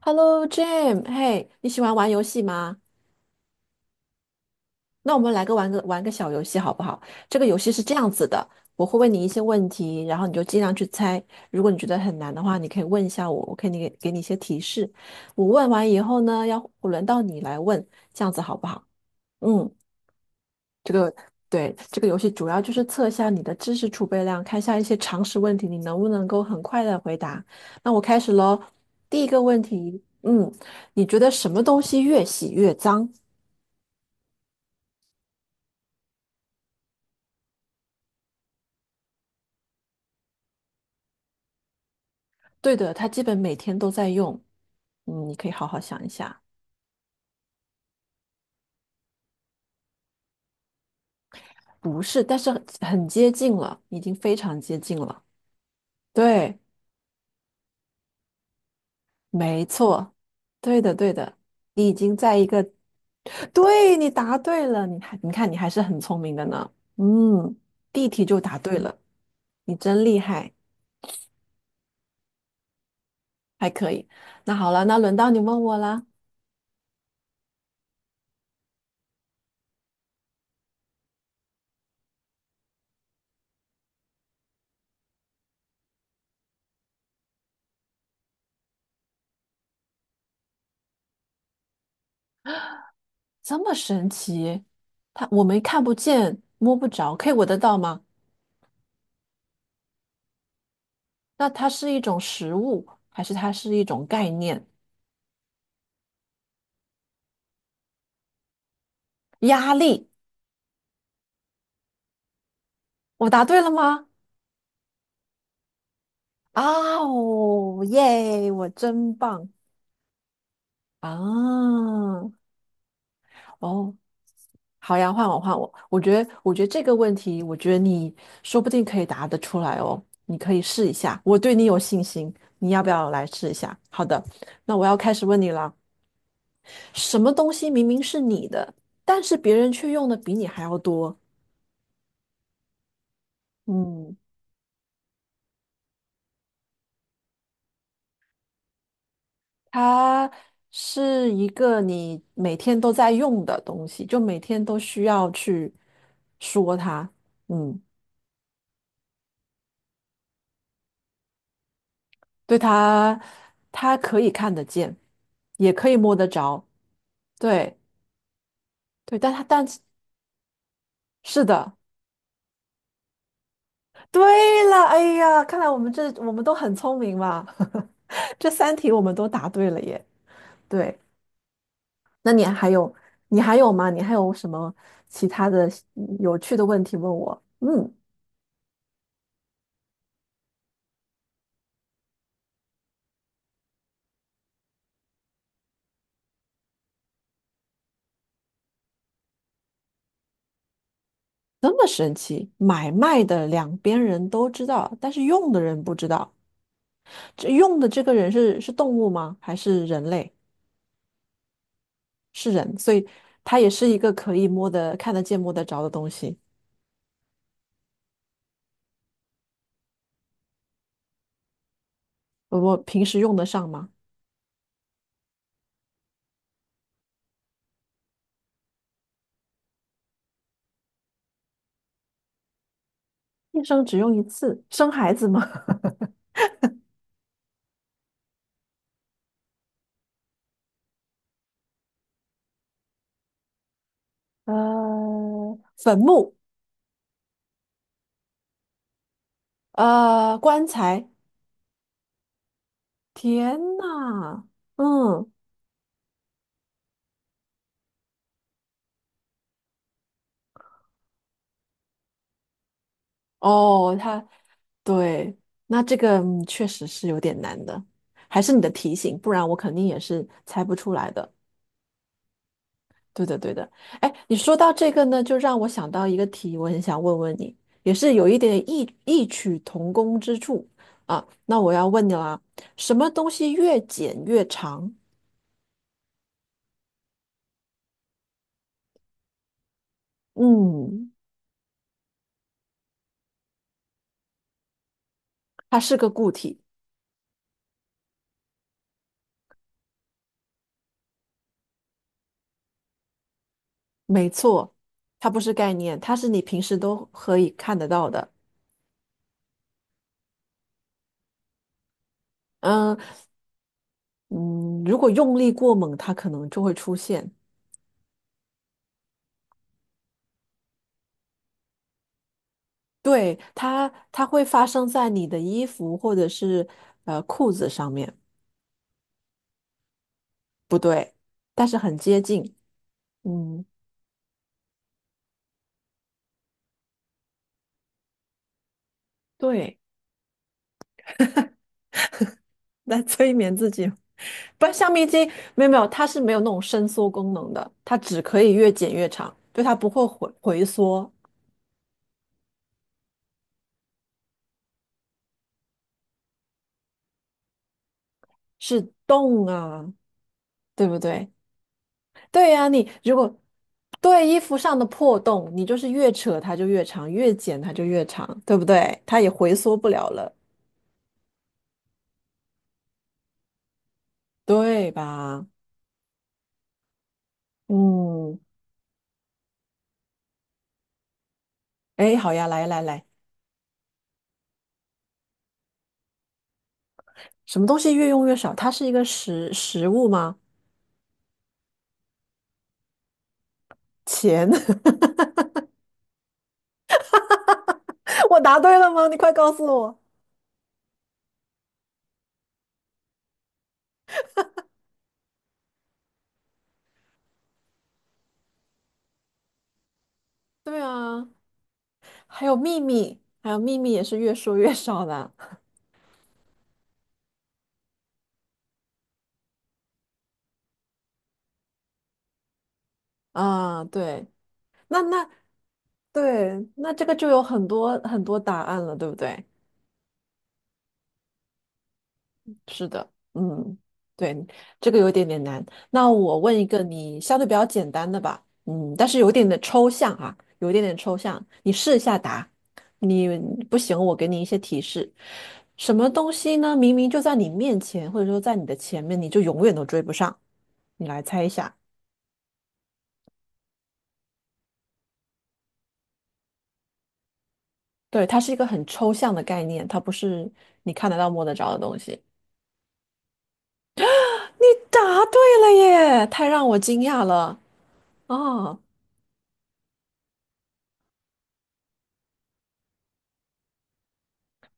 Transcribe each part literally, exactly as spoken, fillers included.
Hello Jim，嘿，你喜欢玩游戏吗？那我们来个玩个玩个小游戏好不好？这个游戏是这样子的，我会问你一些问题，然后你就尽量去猜。如果你觉得很难的话，你可以问一下我，我可以给给你一些提示。我问完以后呢，要轮到你来问，这样子好不好？嗯，这个对，这个游戏主要就是测一下你的知识储备量，看一下一些常识问题，你能不能够很快的回答。那我开始喽，第一个问题，嗯，你觉得什么东西越洗越脏？对的，它基本每天都在用。嗯，你可以好好想一下，不是，但是很接近了，已经非常接近了。对，没错，对的，对的，你已经在一个，对，你答对了，你还，你看你还是很聪明的呢。嗯，第一题就答对了，你真厉害，还可以。那好了，那轮到你问我啦。这么神奇，它我们看不见，摸不着，可以闻得到吗？那它是一种食物，还是它是一种概念？压力，我答对了吗？啊哦，耶，我真棒啊！哦，好呀，换我换我。我觉得，我觉得这个问题，我觉得你说不定可以答得出来哦。你可以试一下，我对你有信心。你要不要来试一下？好的，那我要开始问你了。什么东西明明是你的，但是别人却用的比你还要多？嗯，它是一个你每天都在用的东西，就每天都需要去说它。嗯，对，它，它可以看得见，也可以摸得着。对。对，但他但是是的，对了，哎呀，看来我们这我们都很聪明嘛，这三题我们都答对了耶。对，那你还有你还有吗？你还有什么其他的嗯有趣的问题问我？嗯，这么神奇，买卖的两边人都知道，但是用的人不知道。这用的这个人是是动物吗？还是人类？是人，所以它也是一个可以摸得、看得见、摸得着的东西。我我平时用得上吗？一生只用一次，生孩子吗？呃，坟墓，呃，棺材。天呐，嗯，哦，他对，那这个嗯确实是有点难的，还是你的提醒，不然我肯定也是猜不出来的。对的，对的。哎，你说到这个呢，就让我想到一个题，我很想问问你，也是有一点异异曲同工之处啊。那我要问你啦，什么东西越剪越长？嗯。它是个固体，没错，它不是概念，它是你平时都可以看得到的。嗯嗯，如果用力过猛，它可能就会出现。对，它，它会发生在你的衣服或者是呃裤子上面，不对，但是很接近。嗯，对，来催眠自己。不，橡皮筋没有没有，它是没有那种伸缩功能的，它只可以越剪越长，对，它不会回回缩，是动啊，对不对？对呀、你如果对衣服上的破洞，你就是越扯它就越长，越剪它就越长，对不对？它也回缩不了了，对吧？嗯，哎，好呀，来来来，什么东西越用越少？它是一个食食物吗？钱，我答对了吗？你快告诉我。对啊，还有秘密，还有秘密也是越说越少的啊。对，那那对，那这个就有很多很多答案了，对不对？是的，嗯，对，这个有一点点难。那我问一个你相对比较简单的吧，嗯，但是有一点的抽象啊，有一点点抽象，你试一下答。你不行，我给你一些提示。什么东西呢？明明就在你面前，或者说在你的前面，你就永远都追不上。你来猜一下。对，它是一个很抽象的概念，它不是你看得到、摸得着的东西。你答对了耶，太让我惊讶了啊！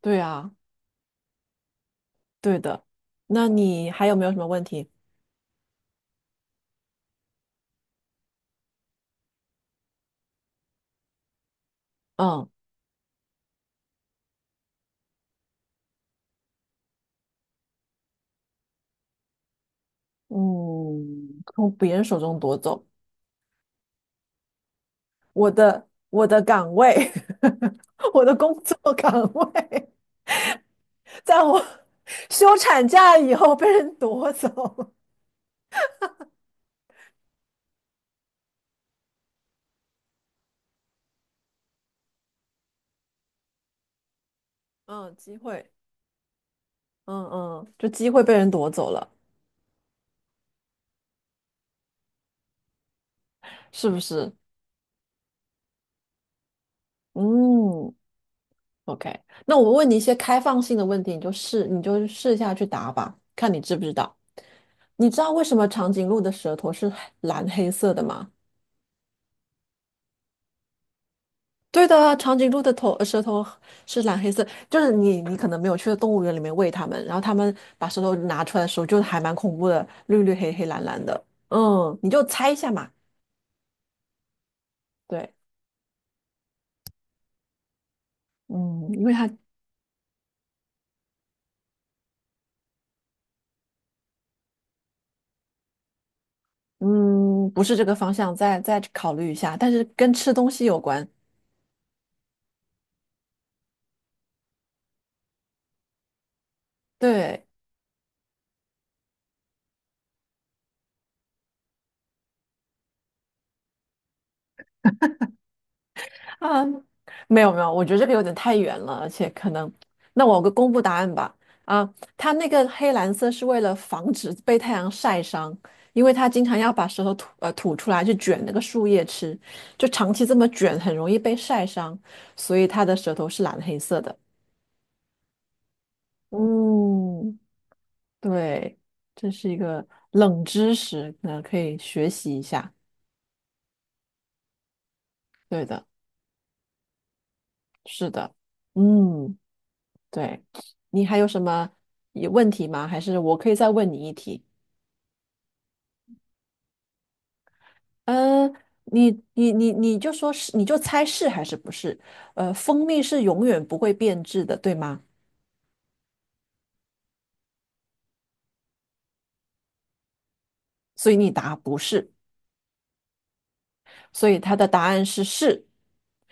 对啊，对的。那你还有没有什么问题？嗯嗯，从别人手中夺走我的我的岗位，我的工作岗位，在我休产假以后被人夺走。嗯，机会，嗯嗯，就机会被人夺走了，是不是？嗯，OK。那我问你一些开放性的问题，你就试，你就试下去答吧，看你知不知道。你知道为什么长颈鹿的舌头是蓝黑色的吗？对的啊，长颈鹿的头呃舌头是蓝黑色，就是你你可能没有去动物园里面喂它们，然后它们把舌头拿出来的时候，就还蛮恐怖的，绿绿黑黑蓝蓝的。嗯，你就猜一下嘛。对，嗯，因为它嗯不是这个方向，再再考虑一下，但是跟吃东西有关。对，啊，没有没有，我觉得这个有点太远了，而且可能，那我个公布答案吧。啊，它那个黑蓝色是为了防止被太阳晒伤，因为它经常要把舌头吐呃吐出来去卷那个树叶吃，就长期这么卷很容易被晒伤，所以它的舌头是蓝黑色的。嗯，对，这是一个冷知识，那可以学习一下。对的，是的，嗯。对，你还有什么有问题吗？还是我可以再问你一题？嗯、你你你你就说是，你就猜是还是不是？呃，蜂蜜是永远不会变质的，对吗？所以你答不是，所以它的答案是是，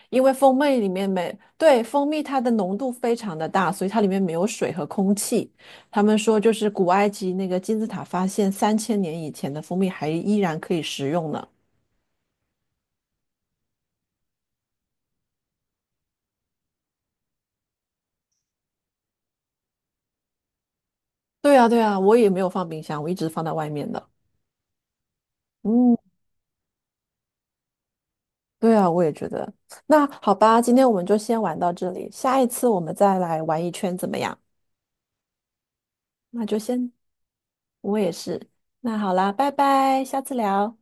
因为蜂蜜里面没，对，蜂蜜它的浓度非常的大，所以它里面没有水和空气。他们说就是古埃及那个金字塔发现三千年以前的蜂蜜还依然可以食用呢。对啊，对啊，我也没有放冰箱，我一直放在外面的。嗯，对啊，我也觉得。那好吧，今天我们就先玩到这里，下一次我们再来玩一圈怎么样？那就先，我也是。那好啦，拜拜，下次聊。